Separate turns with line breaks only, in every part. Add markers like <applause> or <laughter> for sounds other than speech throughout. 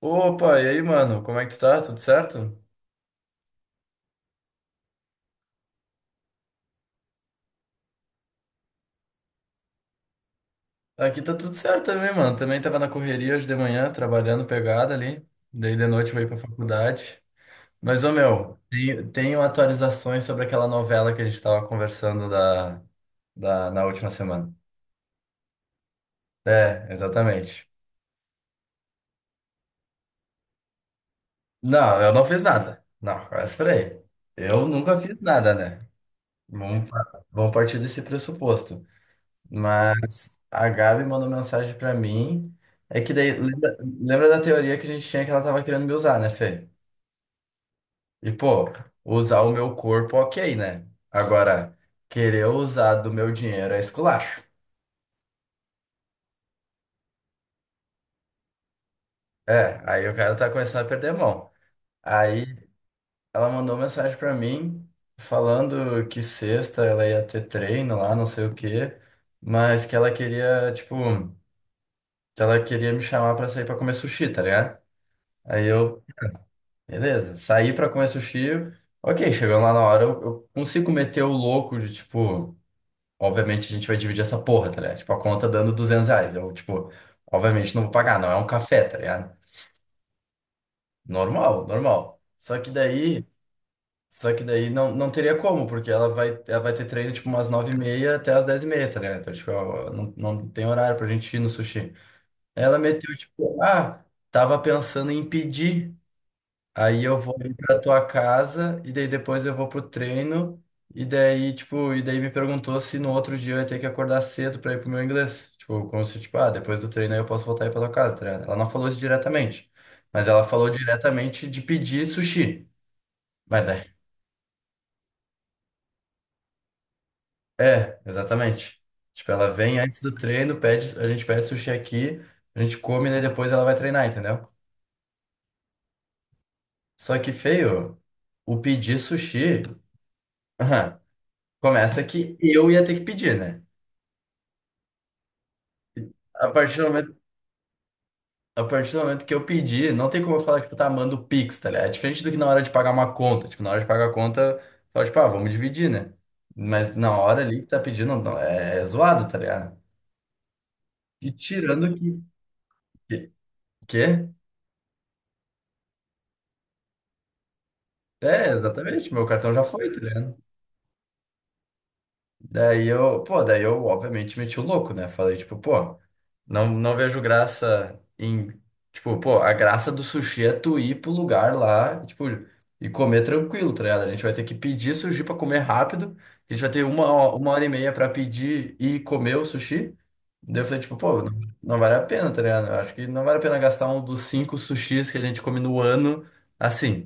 Opa, e aí, mano? Como é que tu tá? Tudo certo? Aqui tá tudo certo também, mano. Também tava na correria hoje de manhã, trabalhando pegada ali. Daí de noite eu vou ir pra faculdade. Mas, ô meu, tenho atualizações sobre aquela novela que a gente tava conversando da, na última semana. É, exatamente. Não, eu não fiz nada. Não, espera aí. Eu nunca fiz nada, né? Vamos partir desse pressuposto. Mas a Gabi mandou mensagem pra mim. É que daí, lembra da teoria que a gente tinha que ela tava querendo me usar, né, Fê? E, pô, usar o meu corpo, ok, né? Agora, querer usar do meu dinheiro é esculacho. É, aí o cara tá começando a perder a mão. Aí ela mandou mensagem pra mim falando que sexta ela ia ter treino lá, não sei o quê, mas que ela queria, tipo, que ela queria me chamar pra sair pra comer sushi, tá ligado? Aí eu Beleza, saí pra comer sushi. Ok, chegando lá na hora, eu consigo meter o louco de, tipo, obviamente a gente vai dividir essa porra, tá ligado? Tipo, a conta dando R$ 200. Eu, tipo, obviamente não vou pagar, não é um café, tá ligado? Normal, normal. Só que daí não, não teria como, porque ela vai ter treino, tipo, umas 9h30 até as 10h30, tá ligado? Então, tipo, não tem horário pra gente ir no sushi. Ela meteu, tipo, ah, tava pensando em pedir. Aí eu vou ir pra tua casa e daí depois eu vou pro treino e daí me perguntou se no outro dia eu ia ter que acordar cedo pra ir pro meu inglês. Tipo, como se, tipo, ah, depois do treino aí eu posso voltar aí pra tua casa, tá ligado? Ela não falou isso diretamente, mas ela falou diretamente de pedir sushi. Mas daí, é, exatamente. Tipo, ela vem antes do treino, pede, a gente pede sushi aqui, a gente come, né, depois ela vai treinar, entendeu? Só que, feio, o pedir sushi, aham, começa que eu ia ter que pedir, né? A partir do momento, a partir do momento que eu pedi, não tem como eu falar, tipo, tá, manda o Pix, tá ligado? É diferente do que na hora de pagar uma conta. Tipo, na hora de pagar a conta, fala, tipo, ah, vamos dividir, né? Mas na hora ali que tá pedindo, não, é zoado, tá ligado? E tirando que... Que? que- É, exatamente, meu cartão já foi, tá ligado? Daí eu, pô, daí eu obviamente meti o louco, né? Falei, tipo, pô, não, não vejo graça em. Tipo, pô, a graça do sushi é tu ir pro lugar lá, tipo, e comer tranquilo, tá ligado? A gente vai ter que pedir sushi pra comer rápido, a gente vai ter uma hora e meia pra pedir e comer o sushi. Daí eu falei, tipo, pô, não, não vale a pena, tá ligado? Eu acho que não vale a pena gastar um dos cinco sushis que a gente come no ano assim.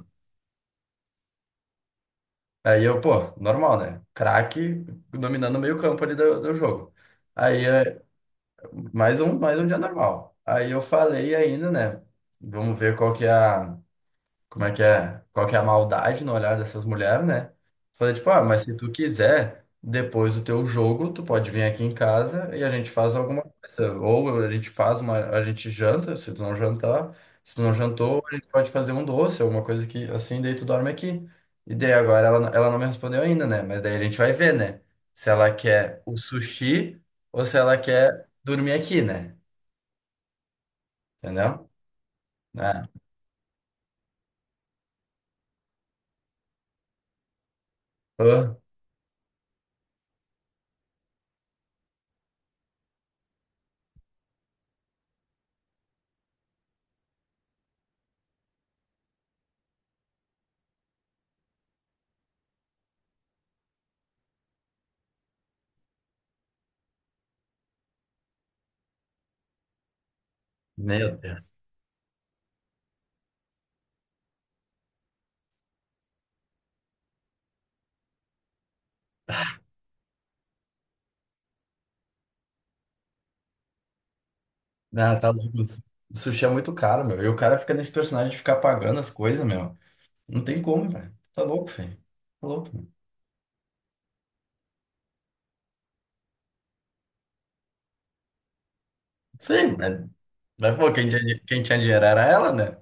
Aí eu, pô, normal, né? Craque dominando o meio-campo ali do jogo. Aí é mais um dia normal. Aí eu falei ainda, né? Vamos ver qual que é a, como é que é, qual que é a maldade no olhar dessas mulheres, né? Falei, tipo, ah, mas se tu quiser, depois do teu jogo, tu pode vir aqui em casa e a gente faz alguma coisa. Ou a gente faz uma, a gente janta, se tu não jantar, se tu não jantou, a gente pode fazer um doce, alguma coisa que assim, daí tu dorme aqui. E daí agora ela não me respondeu ainda, né? Mas daí a gente vai ver, né? Se ela quer o sushi ou se ela quer dormir aqui, né? Entendeu? É. Ah, meu Deus. Ah, tá louco. Sushi é muito caro, meu. E o cara fica nesse personagem de ficar pagando as coisas, meu. Não tem como, velho. Tá louco, velho. Tá louco, meu. Sim, né? Mas, pô, quem tinha dinheiro era ela, né?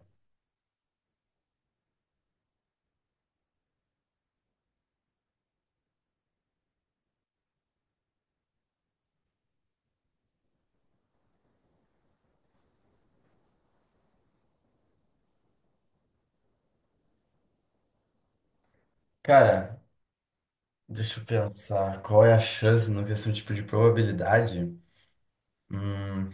Cara, deixa eu pensar. Qual é a chance? Não no questão tipo de probabilidade? Hum.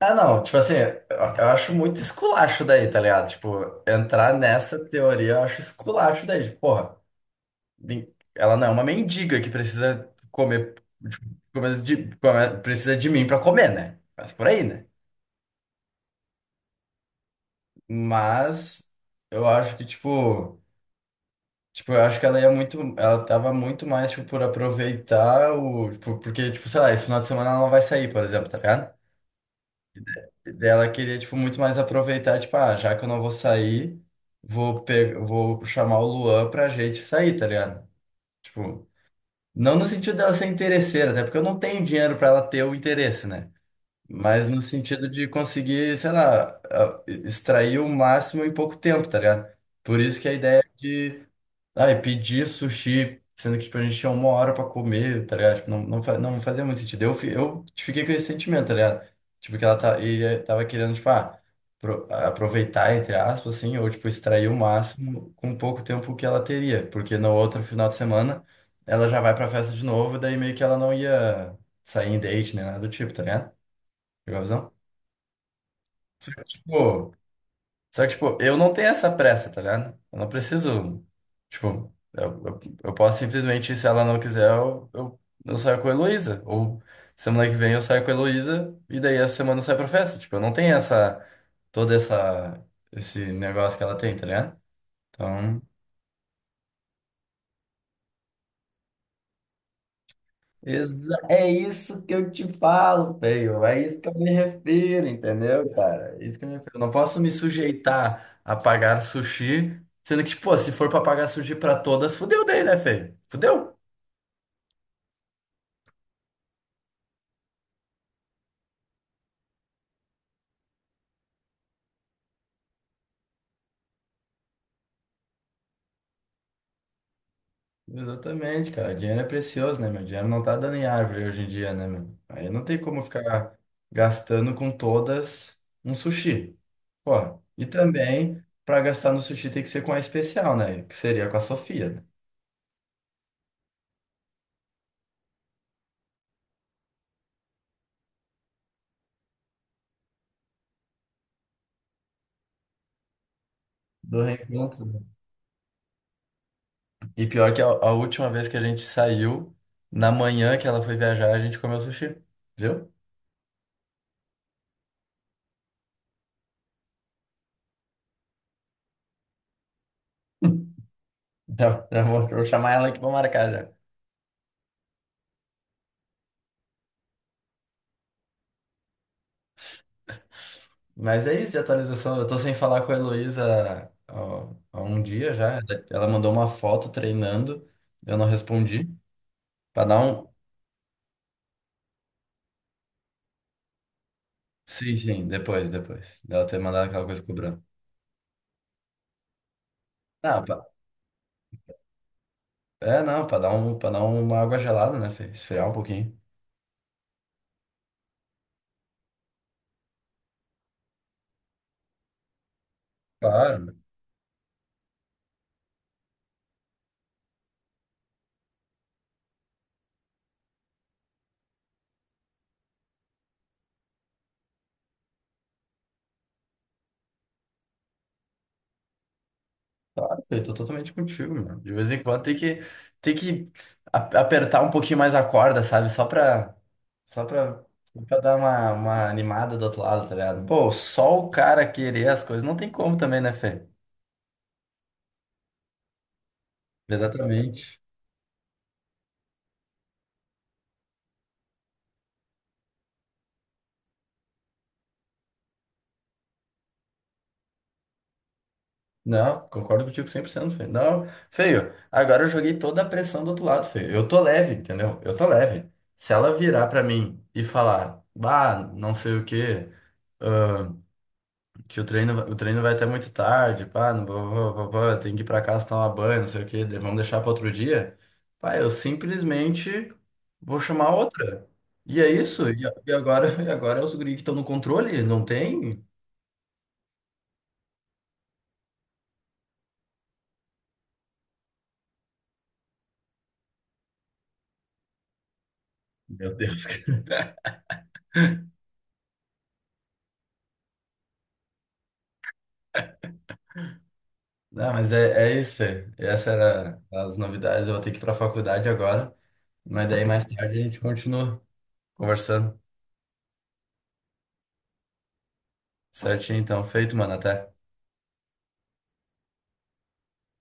Ah, não. Tipo assim, eu acho muito esculacho daí, tá ligado? Tipo, entrar nessa teoria eu acho esculacho daí. Tipo, porra. nem- Ela não é uma mendiga que precisa comer, tipo, precisa de mim pra comer, né? Mas por aí, né? Mas eu acho que, tipo, tipo, eu acho que ela tava muito mais, tipo, por aproveitar o, tipo, porque, tipo, sei lá, esse final de semana ela não vai sair, por exemplo, tá ligado? Daí ela queria, tipo, muito mais aproveitar, tipo, ah, já que eu não vou sair, vou pegar, vou chamar o Luan pra gente sair, tá ligado? Tipo, não no sentido dela ser interesseira, até porque eu não tenho dinheiro para ela ter o interesse, né? Mas no sentido de conseguir, sei lá, extrair o máximo em pouco tempo, tá ligado? Por isso que a ideia de, ah, e pedir sushi, sendo que, tipo, a gente tinha uma hora pra comer, tá ligado? Tipo, não, não, não fazia muito sentido. Eu, eu fiquei com esse sentimento, tá ligado? Tipo, que ele tava querendo, tipo, ah, aproveitar, entre aspas, assim, ou, tipo, extrair o máximo com pouco tempo que ela teria. Porque no outro final de semana, ela já vai pra festa de novo, daí meio que ela não ia sair em date, nem nada do tipo, tá ligado? Pegou a visão? Só que, Tipo, só que, tipo, eu não tenho essa pressa, tá ligado? Eu não preciso. Tipo, eu posso simplesmente, se ela não quiser, eu saio com a Heloísa. Ou semana que vem eu saio com a Heloísa e daí essa semana eu saio pra festa. Tipo, eu não tenho essa. Toda essa. Esse negócio que ela tem, tá ligado? Então. É isso que eu te falo, feio. É isso que eu me refiro, entendeu, cara? É isso que eu me refiro. Não posso me sujeitar a pagar sushi, sendo que, pô, se for pra pagar sushi pra todas, fudeu daí, né, feio? Fudeu? Exatamente, cara. Dinheiro é precioso, né, meu? Dinheiro não tá dando em árvore hoje em dia, né, meu? Aí não tem como ficar gastando com todas um sushi. Pô, e também, pra gastar no sushi tem que ser com a especial, né? Que seria com a Sofia, né? Do reencontro, né? E pior que a última vez que a gente saiu, na manhã que ela foi viajar, a gente comeu sushi, viu? <laughs> Já, já vou, vou chamar ela aqui pra marcar já. Mas é isso de atualização. Eu tô sem falar com a Heloísa, ó, há um dia já. Ela mandou uma foto treinando, eu não respondi. Pra dar um. Sim, sim, depois, depois. Dela ter mandado aquela coisa cobrando. Ah, pra... É, não, pra dar uma água gelada, né, Fê? Esfriar um pouquinho. Claro. Claro, eu tô totalmente contigo, mano. De vez em quando tem que, tem que apertar um pouquinho mais a corda, sabe? Só pra dar uma animada do outro lado, tá ligado? Pô, só o cara querer as coisas não tem como também, né, Fê? Exatamente. Não, concordo contigo 100%, Fê. Não, feio, agora eu joguei toda a pressão do outro lado, feio. Eu tô leve, entendeu? Eu tô leve. Se ela virar pra mim e falar, bah, não sei o quê. Que o treino vai até muito tarde, pá, não, tem que ir pra casa tomar banho, não sei o quê, daí vamos deixar pra outro dia. Pá, eu simplesmente vou chamar outra. E é isso, e, e agora, <laughs> e agora é os guri que estão no controle, não tem? Meu Deus, cara. Não, mas é, é isso, Fê. Essas eram as novidades, eu vou ter que ir pra faculdade agora, mas daí mais tarde a gente continua conversando. Certinho, então, feito, mano, até.